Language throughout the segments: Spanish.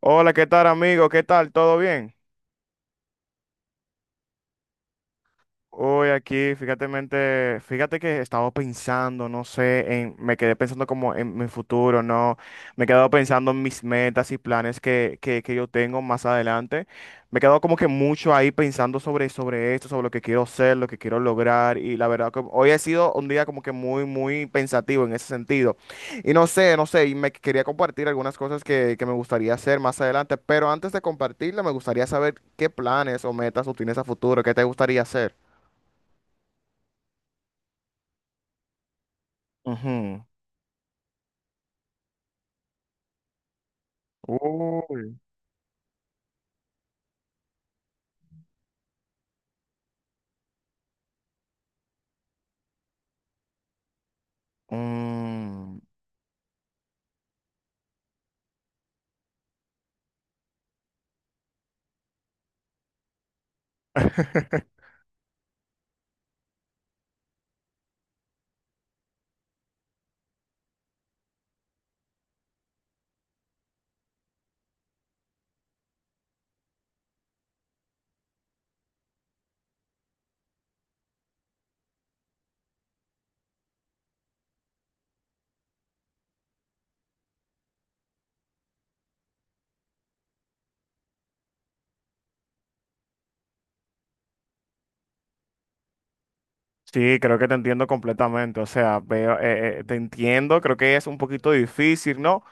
Hola, ¿qué tal, amigo? ¿Qué tal? ¿Todo bien? Hoy aquí, fíjate, fíjate que estaba pensando, no sé, en, me quedé pensando como en mi futuro, ¿no? Me he quedado pensando en mis metas y planes que yo tengo más adelante. Me he quedado como que mucho ahí pensando sobre esto, sobre lo que quiero ser, lo que quiero lograr. Y la verdad que hoy ha sido un día como que muy, muy pensativo en ese sentido. Y no sé, no sé, y me quería compartir algunas cosas que me gustaría hacer más adelante. Pero antes de compartirla, me gustaría saber qué planes o metas tú tienes a futuro, qué te gustaría hacer. Ujú. Uy. Mm. Sí, creo que te entiendo completamente. O sea, veo, te entiendo, creo que es un poquito difícil, ¿no?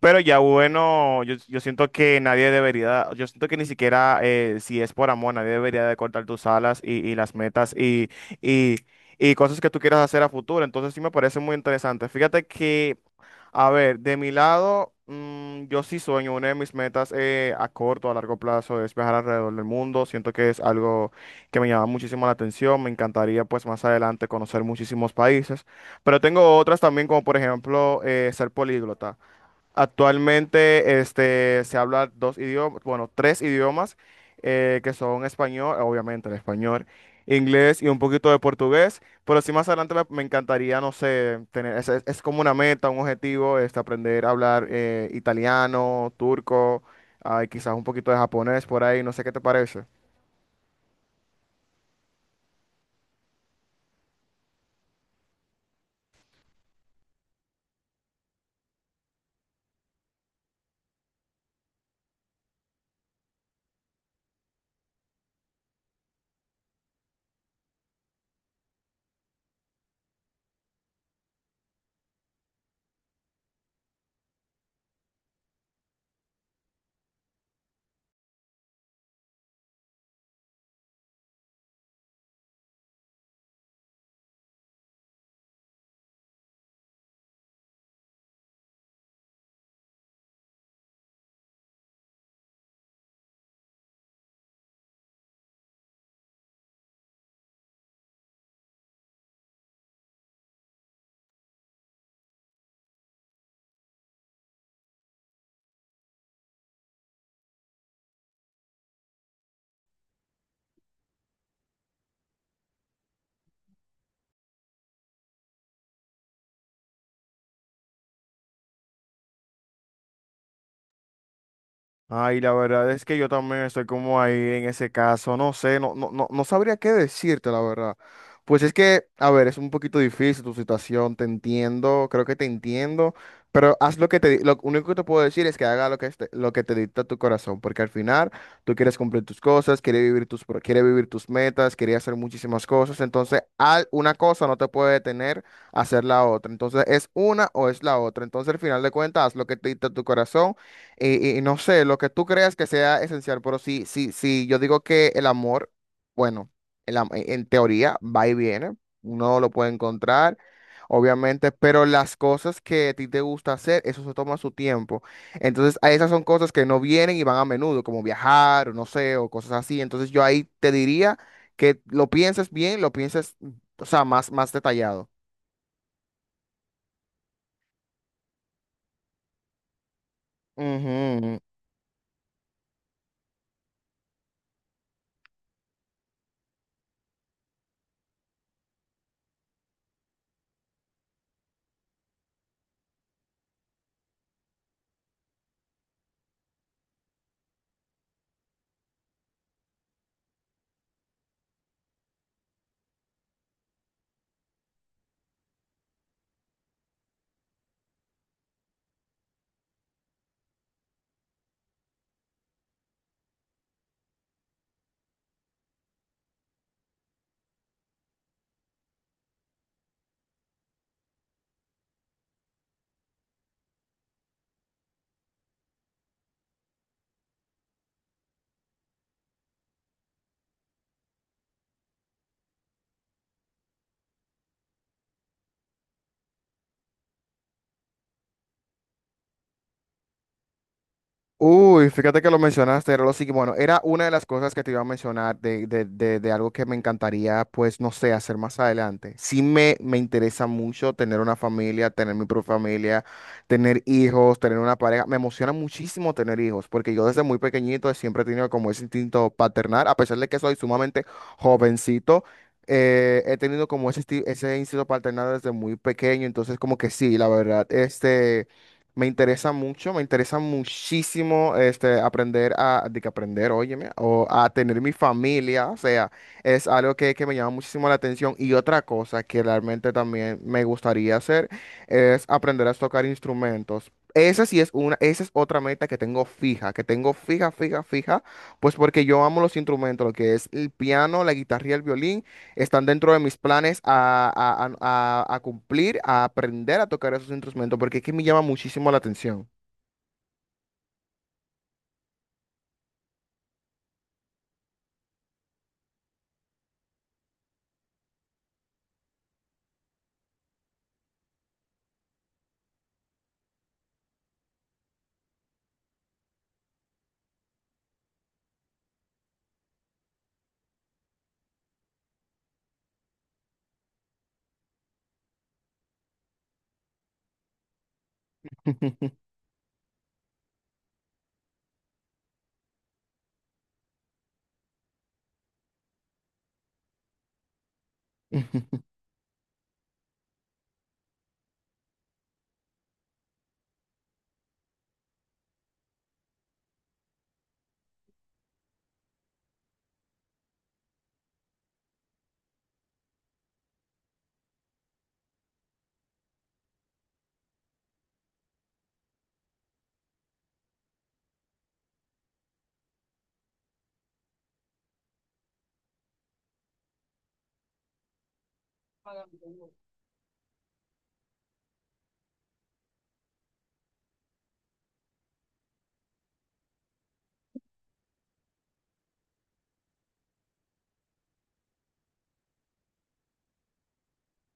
Pero ya bueno, yo siento que nadie debería, yo siento que ni siquiera si es por amor, nadie debería de cortar tus alas y las metas y, y cosas que tú quieras hacer a futuro. Entonces sí me parece muy interesante. Fíjate que, a ver, de mi lado, yo sí sueño, una de mis metas a corto, a largo plazo es viajar alrededor del mundo. Siento que es algo que me llama muchísimo la atención. Me encantaría pues más adelante conocer muchísimos países, pero tengo otras también, como por ejemplo ser políglota. Actualmente este, se habla dos idiomas, bueno, tres idiomas que son español, obviamente el español, inglés y un poquito de portugués, pero sí más adelante me encantaría, no sé, tener, es como una meta, un objetivo, este, aprender a hablar italiano, turco, ah, y quizás un poquito de japonés por ahí, no sé qué te parece. Ay, la verdad es que yo también estoy como ahí en ese caso, no sé, no, no sabría qué decirte, la verdad. Pues es que, a ver, es un poquito difícil tu situación, te entiendo, creo que te entiendo, pero haz lo lo único que te puedo decir es que haga lo lo que te dicta tu corazón, porque al final tú quieres cumplir tus cosas, quieres vivir quieres vivir tus metas, quieres hacer muchísimas cosas, entonces una cosa no te puede detener a hacer la otra, entonces es una o es la otra, entonces al final de cuentas haz lo que te dicta tu corazón y no sé, lo que tú creas que sea esencial, pero sí, sí, sí, yo digo que el amor, bueno, en teoría va y viene, uno lo puede encontrar, obviamente, pero las cosas que a ti te gusta hacer, eso se toma su tiempo. Entonces, a esas son cosas que no vienen y van a menudo, como viajar, o no sé, o cosas así. Entonces, yo ahí te diría que lo pienses bien, lo pienses, o sea, más, más detallado. Ujú. Uy, fíjate que lo mencionaste, era lo siguiente, bueno, era una de las cosas que te iba a mencionar de algo que me encantaría, pues, no sé, hacer más adelante. Me interesa mucho tener una familia, tener mi propia familia, tener hijos, tener una pareja. Me emociona muchísimo tener hijos, porque yo desde muy pequeñito siempre he tenido como ese instinto paternal, a pesar de que soy sumamente jovencito. He tenido como ese instinto paternal desde muy pequeño, entonces como que sí, la verdad, este... Me interesa mucho, me interesa muchísimo este, aprender a, de que aprender, óyeme, o a tener mi familia, o sea, es algo que me llama muchísimo la atención. Y otra cosa que realmente también me gustaría hacer es aprender a tocar instrumentos. Esa sí es una, esa es otra meta que tengo fija, fija, fija, pues porque yo amo los instrumentos, lo que es el piano, la guitarra y el violín. Están dentro de mis planes a cumplir, a aprender a tocar esos instrumentos, porque es que me llama muchísimo la atención.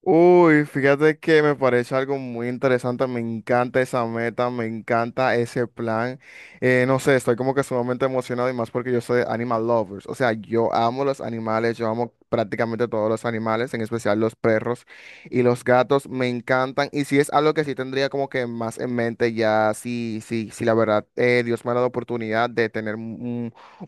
Uy, fíjate que me parece algo muy interesante, me encanta esa meta, me encanta ese plan. No sé, estoy como que sumamente emocionado y más porque yo soy animal lovers, o sea, yo amo los animales, yo amo prácticamente todos los animales, en especial los perros y los gatos, me encantan. Y si es algo que sí tendría como que más en mente ya, sí, sí, sí, la verdad, Dios me ha dado oportunidad de tener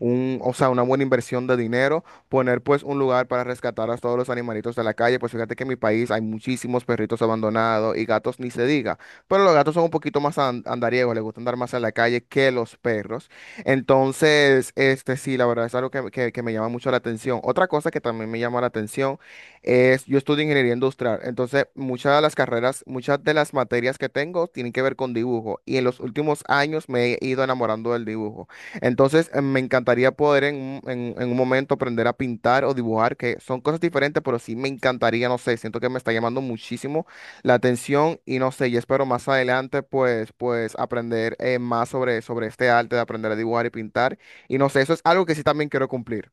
un, o sea, una buena inversión de dinero, poner pues un lugar para rescatar a todos los animalitos de la calle, pues fíjate que en mi país hay muchísimos perritos abandonados y gatos ni se diga, pero los gatos son un poquito andariegos, les gusta andar más en la calle que los perros. Entonces, este sí, la verdad es algo que me llama mucho la atención. Otra cosa que también me llama la atención es, yo estudio ingeniería industrial, entonces muchas de las carreras, muchas de las materias que tengo tienen que ver con dibujo y en los últimos años me he ido enamorando del dibujo. Entonces, me encantaría poder en un momento aprender a pintar o dibujar, que son cosas diferentes, pero sí me encantaría, no sé, siento que me está llamando muchísimo la atención y no sé, y espero más adelante, pues, pues aprender más sobre este arte de aprender a dibujar y pintar. Y no sé, eso es algo que sí también quiero cumplir.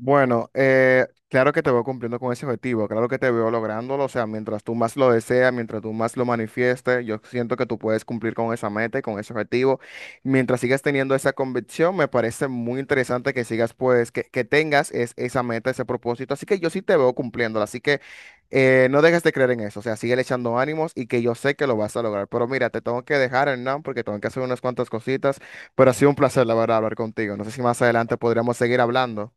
Bueno, claro que te veo cumpliendo con ese objetivo, claro que te veo lográndolo, o sea, mientras tú más lo deseas, mientras tú más lo manifiestes, yo siento que tú puedes cumplir con esa meta y con ese objetivo. Mientras sigas teniendo esa convicción, me parece muy interesante que sigas, pues, que tengas esa meta, ese propósito, así que yo sí te veo cumpliéndola, así que no dejes de creer en eso, o sea, sigue echando ánimos y que yo sé que lo vas a lograr. Pero mira, te tengo que dejar, Hernán, porque tengo que hacer unas cuantas cositas, pero ha sido un placer, la verdad, hablar contigo. No sé si más adelante podríamos seguir hablando.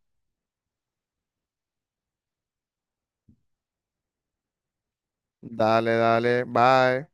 Dale, dale, bye.